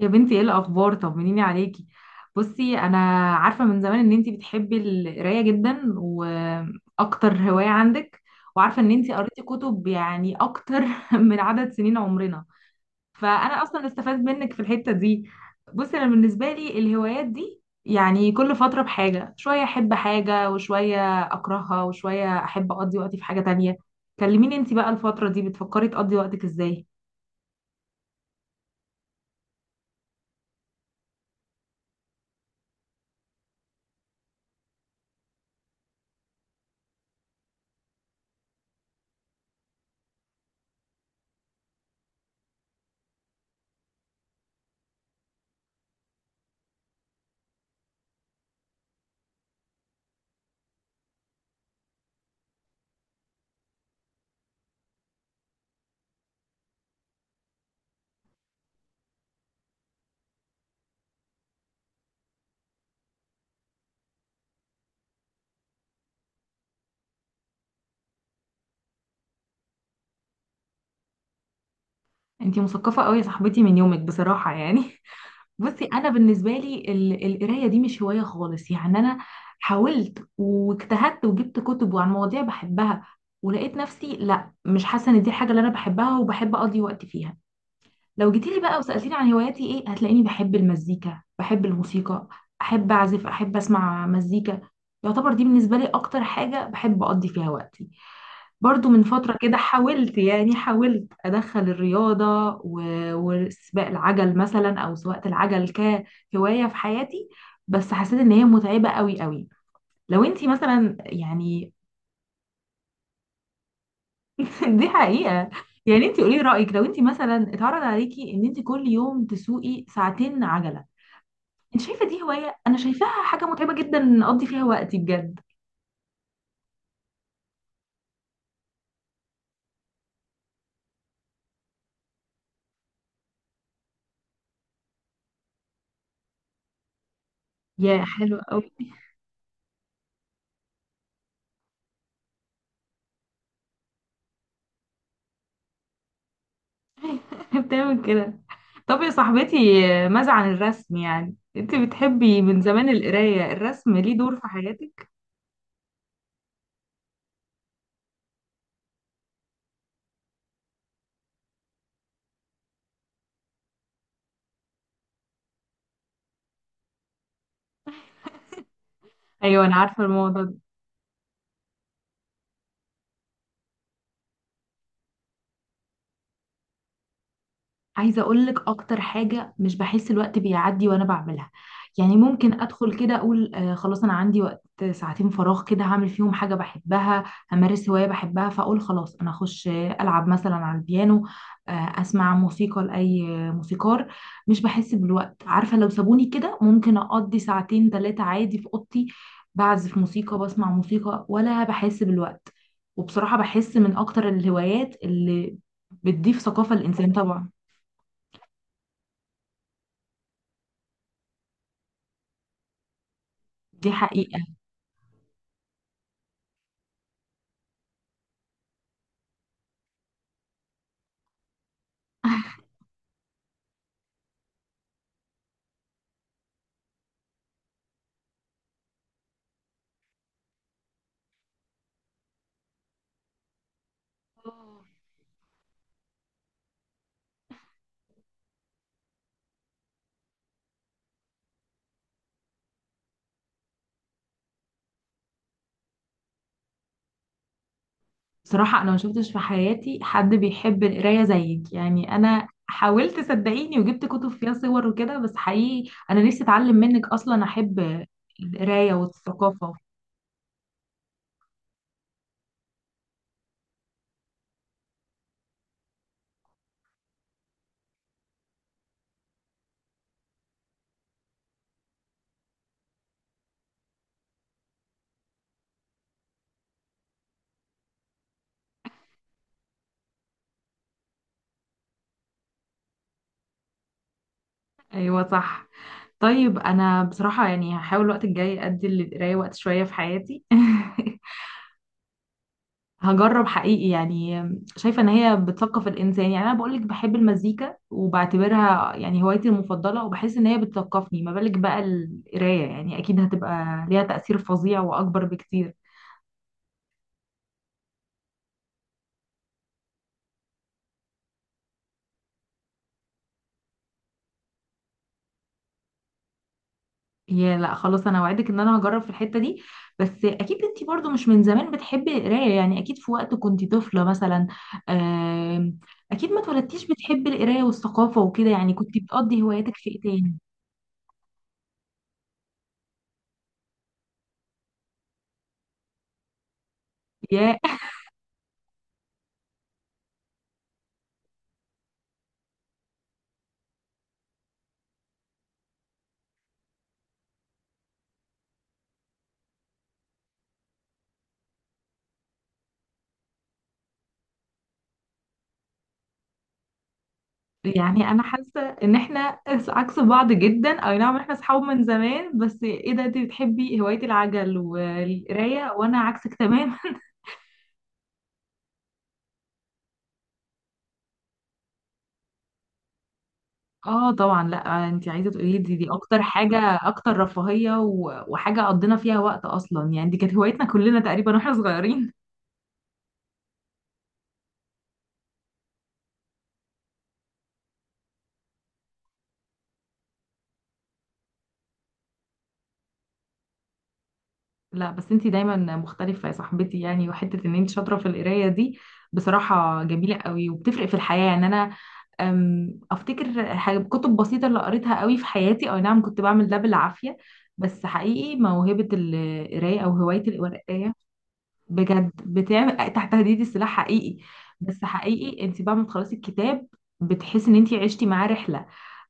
يا بنتي ايه الاخبار؟ طمنيني عليكي. بصي، انا عارفه من زمان ان انتي بتحبي القرايه جدا، واكتر هوايه عندك وعارفه ان انتي قريتي كتب يعني اكتر من عدد سنين عمرنا. فانا اصلا استفاد منك في الحته دي. بصي انا بالنسبه لي الهوايات دي يعني كل فتره بحاجه، شويه احب حاجه وشويه اكرهها وشويه احب اقضي وقتي في حاجه تانية. كلميني انتي بقى الفتره دي بتفكري تقضي وقتك ازاي؟ انتي مثقفه قوي يا صاحبتي من يومك بصراحه يعني بصي انا بالنسبه لي القرايه دي مش هوايه خالص، يعني انا حاولت واجتهدت وجبت كتب وعن مواضيع بحبها، ولقيت نفسي لا مش حاسه ان دي حاجه اللي انا بحبها وبحب اقضي وقت فيها. لو جيتيلي بقى وسالتيني عن هواياتي ايه، هتلاقيني بحب المزيكا، بحب الموسيقى، احب اعزف، احب اسمع مزيكا. يعتبر دي بالنسبه لي اكتر حاجه بحب اقضي فيها وقتي. برضو من فترة كده حاولت، يعني حاولت أدخل الرياضة و- وسباق العجل مثلا أو سواقة العجل كهواية في حياتي، بس حسيت إن هي متعبة قوي قوي. لو انتي مثلا يعني دي حقيقة. يعني انتي قولي رأيك، لو انتي مثلا اتعرض عليكي ان انتي كل يوم تسوقي ساعتين عجلة، انت شايفة دي هواية؟ أنا شايفاها حاجة متعبة جدا نقضي فيها وقتي بجد. يا حلو قوي بتعمل كده؟ طب يا صاحبتي، ماذا عن الرسم، يعني انت بتحبي من زمان القراية، الرسم ليه دور في حياتك؟ ايوه انا عارفة الموضوع. عايزه اقول لك اكتر حاجه، مش بحس الوقت بيعدي وانا بعملها. يعني ممكن ادخل كده اقول آه خلاص انا عندي وقت، ساعتين فراغ كده هعمل فيهم حاجه بحبها، همارس هوايه بحبها، فاقول خلاص انا اخش العب مثلا على البيانو، آه اسمع موسيقى لاي موسيقار. مش بحس بالوقت، عارفه لو سابوني كده ممكن اقضي ساعتين ثلاثه عادي في اوضتي، بعزف موسيقى، بسمع موسيقى، ولا بحس بالوقت. وبصراحه بحس من اكتر الهوايات اللي بتضيف ثقافه للانسان طبعا. دي حقيقة. بصراحة أنا ما شفتش في حياتي حد بيحب القراية زيك، يعني أنا حاولت صدقيني وجبت كتب فيها صور وكده، بس حقيقي أنا نفسي أتعلم منك، أصلا أحب القراية والثقافة. أيوة صح. طيب أنا بصراحة يعني هحاول الوقت الجاي أدي للقراية وقت شوية في حياتي هجرب حقيقي يعني. شايفة ان هي بتثقف الانسان، يعني انا بقولك بحب المزيكا وبعتبرها يعني هوايتي المفضلة وبحس ان هي بتثقفني، ما بالك بقى القراية، يعني اكيد هتبقى ليها تأثير فظيع واكبر بكتير. يا لا خلاص انا وعدك ان انا هجرب في الحتة دي. بس اكيد انتي برضو مش من زمان بتحبي القراية، يعني اكيد في وقت كنتي طفلة مثلا. آم، اكيد ما اتولدتيش بتحبي القراية والثقافة وكده، يعني كنتي بتقضي هواياتك في ايه تاني؟ يعني انا حاسه ان احنا عكس بعض جدا، اي نعم احنا اصحاب من زمان بس ايه ده، انت بتحبي هوايه العجل والقرايه وانا عكسك تماما اه طبعا، لا انت عايزه تقولي دي اكتر حاجه، اكتر رفاهيه و- وحاجه قضينا فيها وقت اصلا، يعني دي كانت هوايتنا كلنا تقريبا واحنا صغيرين لا بس انت دايما مختلفه يا صاحبتي، يعني وحته ان انت شاطره في القرايه دي بصراحه جميله قوي وبتفرق في الحياه، يعني انا افتكر حاجة كتب بسيطة اللي قريتها قوي في حياتي، او نعم كنت بعمل ده بالعافية، بس حقيقي موهبة القراية او هواية القراية، بجد بتعمل تحت تهديد السلاح حقيقي. بس حقيقي انت بعد ما تخلصي الكتاب بتحسي ان انت عشتي معاه رحلة،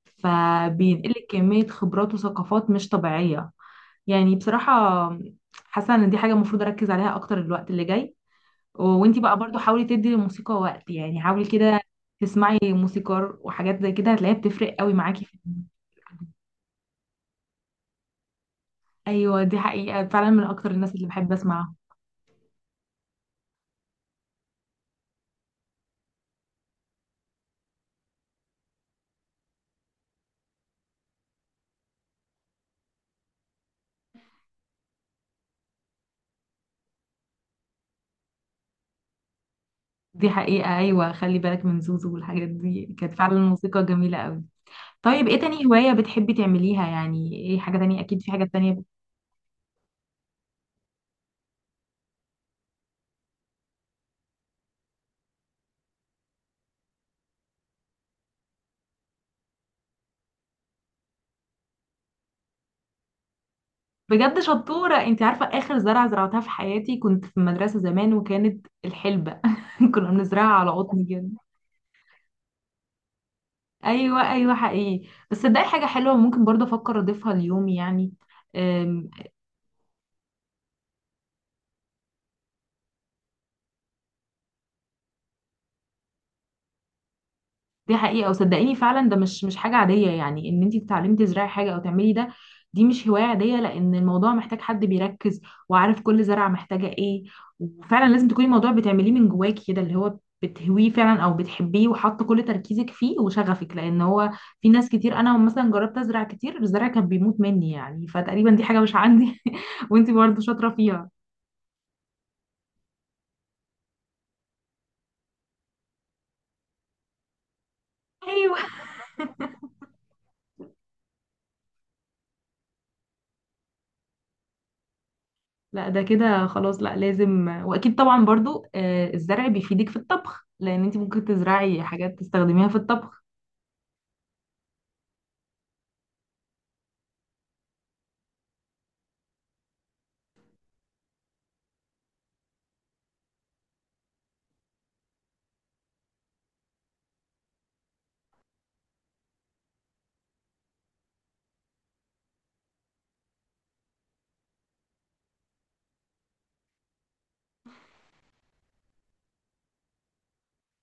فبينقلك كمية خبرات وثقافات مش طبيعية. يعني بصراحة حاسة ان دي حاجة المفروض اركز عليها اكتر الوقت اللي جاي. وانتي بقى برضو حاولي تدي للموسيقى وقت، يعني حاولي كده تسمعي موسيقار وحاجات زي كده، هتلاقيها بتفرق قوي معاكي في. ايوه دي حقيقة فعلا من اكتر الناس اللي بحب اسمعها. دي حقيقة، ايوه خلي بالك من زوزو والحاجات دي، كانت فعلا الموسيقى جميلة قوي. طيب ايه تاني هواية بتحبي تعمليها؟ يعني ايه حاجة تانية، اكيد في حاجة تانية. بجد شطورة، انت عارفة اخر زرعة زرعتها في حياتي كنت في المدرسة زمان وكانت الحلبة كنا بنزرعها على قطن كده. ايوه ايوه حقيقي، بس صدقي حاجه حلوه ممكن برضه افكر اضيفها ليومي يعني. أم، دي حقيقه، وصدقيني فعلا ده مش حاجه عاديه يعني، ان انت تتعلمي تزرعي حاجه او تعملي ده. دي مش هوايه عاديه لان الموضوع محتاج حد بيركز وعارف كل زرعه محتاجه ايه، وفعلا لازم تكوني الموضوع بتعمليه من جواكي كده، اللي هو بتهويه فعلا او بتحبيه وحاطه كل تركيزك فيه وشغفك، لان هو في ناس كتير انا مثلا جربت ازرع كتير الزرع كان بيموت مني، يعني فتقريبا دي حاجه مش عندي وانت برضه شاطره فيها. ايوه لا ده كده خلاص، لا لازم واكيد طبعا برضو الزرع بيفيدك في الطبخ، لان انت ممكن تزرعي حاجات تستخدميها في الطبخ.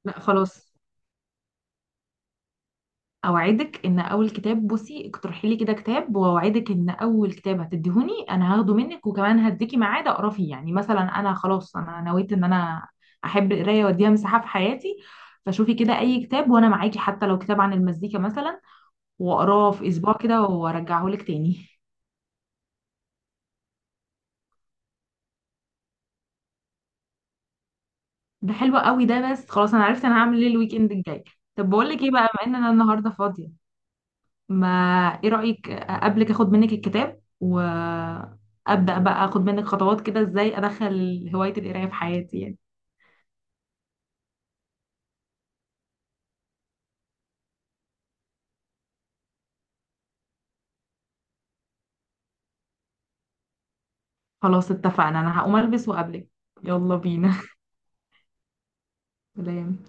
لا خلاص، اوعدك ان اول كتاب، بصي اقترحي لي كده كتاب، واوعدك ان اول كتاب هتديهوني انا هاخده منك، وكمان هديكي ميعاد اقرا فيه، يعني مثلا انا خلاص انا نويت ان انا احب القرايه واديها مساحه في حياتي، فشوفي كده اي كتاب وانا معاكي، حتى لو كتاب عن المزيكا مثلا، واقراه في اسبوع كده وارجعه لك تاني. ده حلو قوي ده، بس خلاص انا عرفت انا هعمل ايه الويك اند الجاي. طب بقول لك ايه بقى، بما ان انا النهارده فاضيه ما، ايه رايك قبلك اخد منك الكتاب وابدا بقى اخد منك خطوات كده ازاي ادخل هوايه القرايه في حياتي يعني. خلاص اتفقنا، انا هقوم البس وقابلك. يلا بينا سلام.